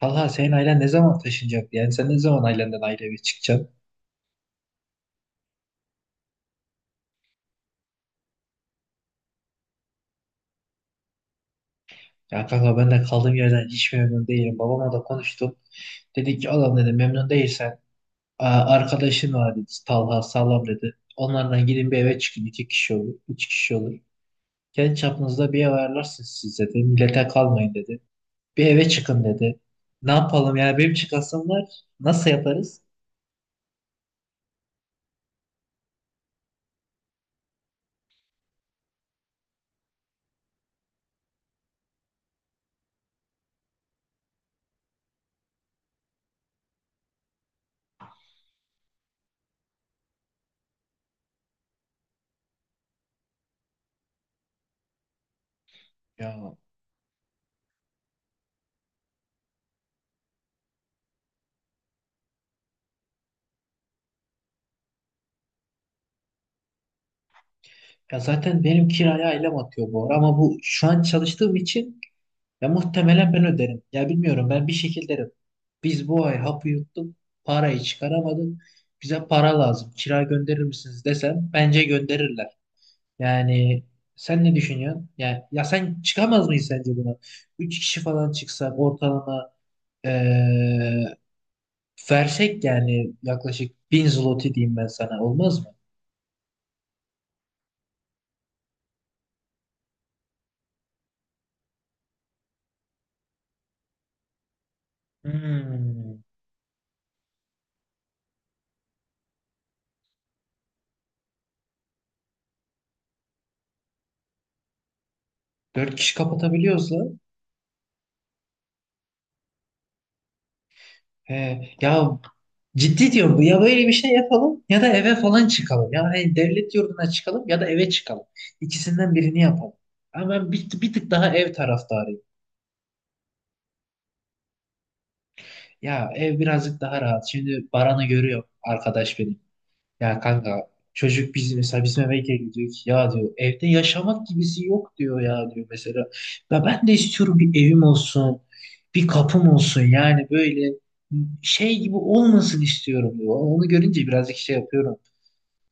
Kanka senin ailen ne zaman taşınacak? Yani sen ne zaman ailenden ayrı eve çıkacaksın? Ya kanka ben de kaldığım yerden hiç memnun değilim. Babamla da konuştum. Dedi ki oğlum dedi memnun değilsen "Aa, arkadaşın var dedi. Talha sağlam dedi. Onlardan gidin bir eve çıkın. İki kişi olur. Üç kişi olur. Kendi çapınızda bir ev ayarlarsınız siz dedi. Millete kalmayın dedi. Bir eve çıkın dedi. Ne yapalım yani benim çıkasım var. Nasıl yaparız? Ya, ya zaten benim kiraya ailem atıyor bu ara, ama bu şu an çalıştığım için. Ya muhtemelen ben öderim. Ya bilmiyorum ben bir şekilde öderim. Biz bu ay hapı yuttuk. Parayı çıkaramadık. Bize para lazım. Kira gönderir misiniz desem bence gönderirler. Yani sen ne düşünüyorsun? Yani, ya sen çıkamaz mıyız sence buna? Üç kişi falan çıksak ortalama eee, versek yani yaklaşık 1.000 zloty diyeyim ben sana olmaz mı? Hmm. Dört kişi kapatabiliyorsa he, ya ciddi diyorum bu. Ya böyle bir şey yapalım ya da eve falan çıkalım. Ya hani devlet yurduna çıkalım ya da eve çıkalım. İkisinden birini yapalım. Ama ben bir tık daha ev taraftarıyım. Ya ev birazcık daha rahat. Şimdi Baran'ı görüyor arkadaş benim. Ya kanka çocuk bizim mesela bizim eve geliyor ki ya diyor evde yaşamak gibisi yok diyor ya diyor mesela. Ya ben de istiyorum bir evim olsun. Bir kapım olsun yani böyle şey gibi olmasın istiyorum diyor. Onu görünce birazcık şey yapıyorum.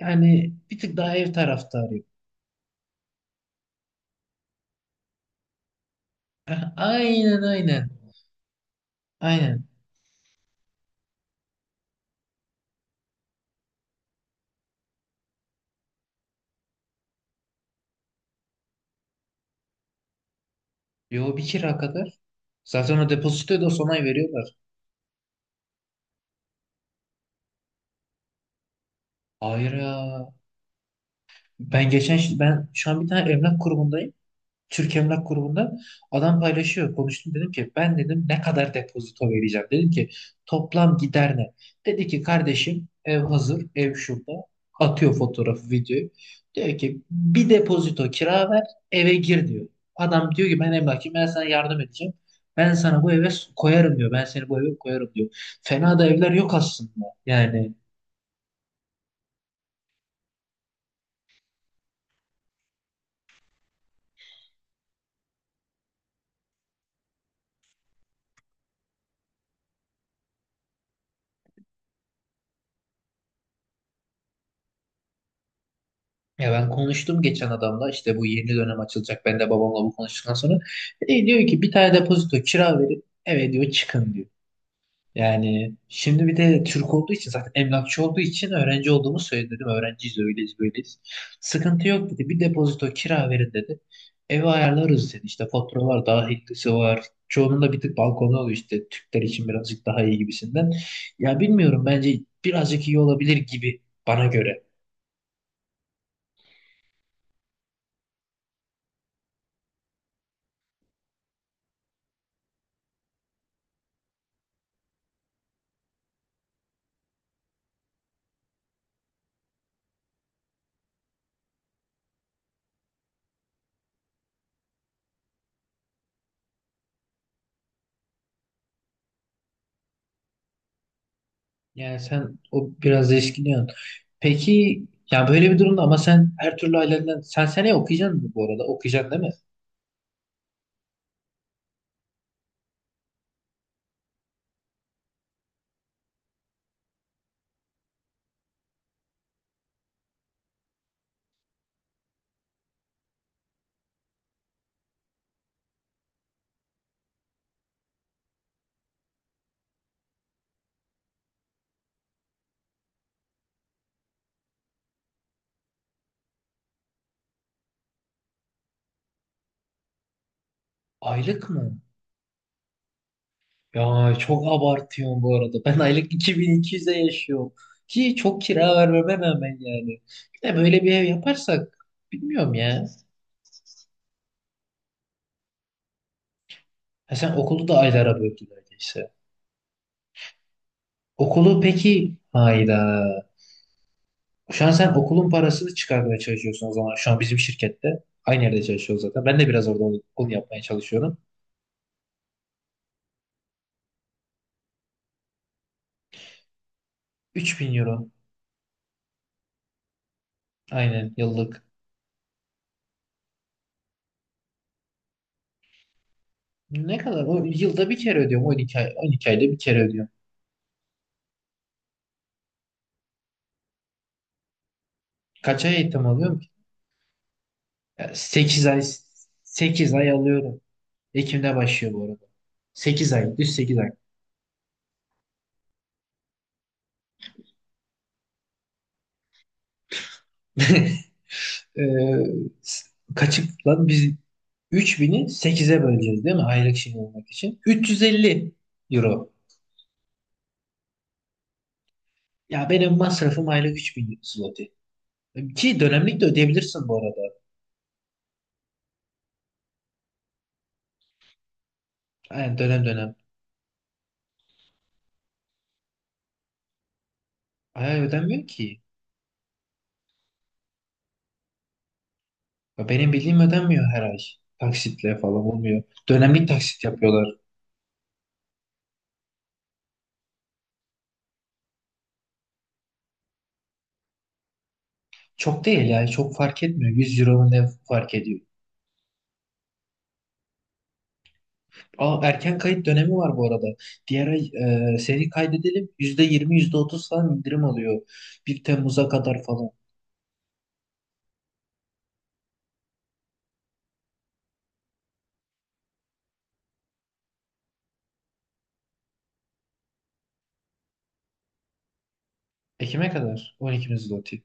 Yani bir tık daha ev taraftarıyım. Aynen aynen. Aynen. Yo bir kira kadar. Zaten o depozitoyu da son ay veriyorlar. Hayır ya. Ben geçen ben şu an bir tane emlak grubundayım. Türk Emlak Grubu'nda adam paylaşıyor. Konuştum dedim ki ben dedim ne kadar depozito vereceğim. Dedim ki toplam gider ne? Dedi ki kardeşim ev hazır, ev şurada. Atıyor fotoğrafı, videoyu. Diyor ki bir depozito kira ver, eve gir diyor. Adam diyor ki ben emlakçıyım, ben sana yardım edeceğim. Ben sana bu eve koyarım diyor. Ben seni bu eve koyarım diyor. Fena da evler yok aslında. Yani ya ben konuştum geçen adamla işte bu yeni dönem açılacak. Ben de babamla bu konuştuktan sonra. E, diyor ki bir tane depozito kira verip eve diyor çıkın diyor. Yani şimdi bir de Türk olduğu için zaten emlakçı olduğu için öğrenci olduğumu söyledi dedim. Öğrenciyiz öyleyiz böyleyiz. Sıkıntı yok dedi. Bir depozito kira verin dedi. Evi ayarlarız dedi. İşte faturalar dahilisi var. Çoğunun da bir tık balkonu oluyor işte Türkler için birazcık daha iyi gibisinden. Ya bilmiyorum bence birazcık iyi olabilir gibi bana göre. Yani sen o biraz eşkiniyorsun. Peki ya böyle bir durumda, ama sen her türlü ailenden sen seneye okuyacaksın mı bu arada? Okuyacaksın değil mi? Aylık mı? Ya çok abartıyorsun bu arada. Ben aylık 2200'e yaşıyorum. Ki çok kira vermeme rağmen yani. Bir de böyle bir ev yaparsak bilmiyorum ya. Ha sen okulu da aylara böldün öyleyse. Okulu peki hayda. Şu an sen okulun parasını çıkarmaya çalışıyorsun o zaman. Şu an bizim şirkette. Aynı yerde çalışıyoruz zaten. Ben de biraz orada onu yapmaya çalışıyorum. 3000 euro. Aynen yıllık. Ne kadar? O yılda bir kere ödüyorum. 12 ay, 12 ayda bir kere ödüyorum. Kaç ay eğitim alıyorum ki? 8 ay. 8 ay alıyorum. Ekim'de başlıyor bu arada. 8 ay, düz 8 ay. Ee, s- Kaçık lan biz 3000'i 8'e böleceğiz değil mi? Aylık şey olmak için. 350 euro. Ya benim masrafım aylık 3000 zloty. Ki dönemlik de ödeyebilirsin bu arada. Yani dönem dönem. Ay ödenmiyor ki. Ya benim bildiğim ödenmiyor her ay. Taksitle falan olmuyor. Dönemlik taksit yapıyorlar. Çok değil yani çok fark etmiyor. 100 euro ne fark ediyor. Aa, erken kayıt dönemi var bu arada. Diğer ay seni kaydedelim. Yüzde %30 falan indirim alıyor. Bir Temmuz'a kadar falan. Ekim'e kadar. 12. zloty.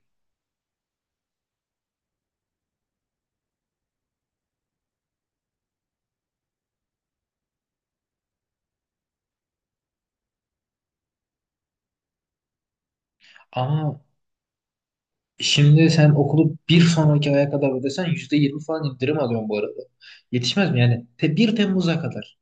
Ama şimdi sen okulu bir sonraki aya kadar ödesen %20 falan indirim alıyorsun bu arada. Yetişmez mi yani? 1 Temmuz'a kadar.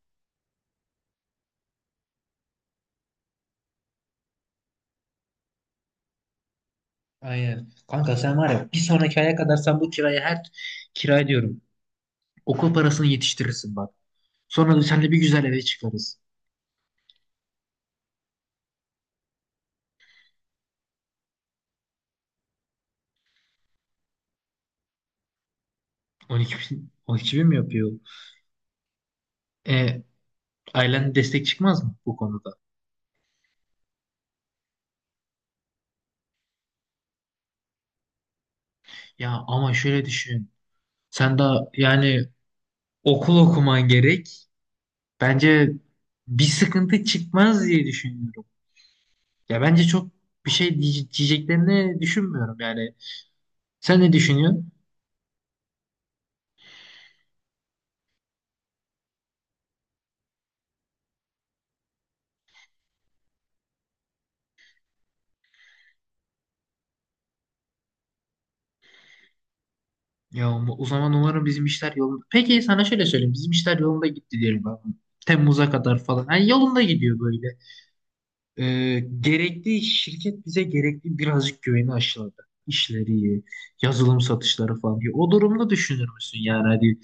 Aynen. Kanka sen var ya bir sonraki aya kadar sen bu kirayı her kira diyorum. Okul parasını yetiştirirsin bak. Sonra da seninle bir güzel eve çıkarız. 12 bin, 12 bin mi yapıyor? E, ailen destek çıkmaz mı bu konuda? Ya ama şöyle düşün. Sen daha yani okul okuman gerek. Bence bir sıkıntı çıkmaz diye düşünüyorum. Ya bence çok bir şey diyeceklerini düşünmüyorum yani. Sen ne düşünüyorsun? Ya o zaman umarım bizim işler yolunda. Peki sana şöyle söyleyeyim. Bizim işler yolunda gitti diyelim ben. Temmuz'a kadar falan. Yani yolunda gidiyor böyle. Gerekli şirket bize gerekli birazcık güveni aşıladı. İşleri, yazılım satışları falan. Ya o durumda düşünür müsün yani hadi.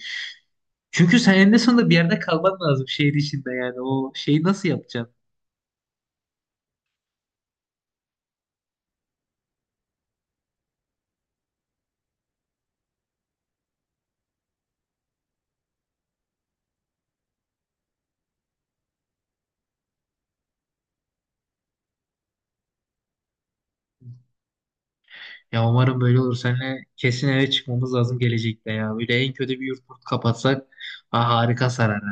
Çünkü sen eninde sonunda bir yerde kalman lazım şehir içinde yani. O şeyi nasıl yapacaksın? Ya umarım böyle olur. Seninle kesin eve çıkmamız lazım gelecekte ya. Böyle en kötü bir yurt kapatsak ha, harika sarar.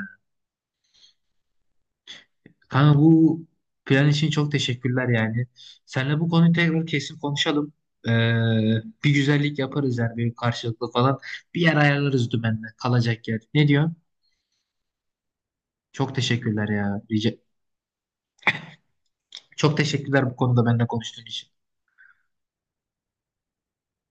Kanka bu plan için çok teşekkürler yani. Seninle bu konuyu tekrar kesin konuşalım. Ee, bir güzellik yaparız yani bir karşılıklı falan. Bir yer ayarlarız dümenle kalacak yer. Ne diyorsun? Çok teşekkürler ya. Çok teşekkürler bu konuda benimle konuştuğun için.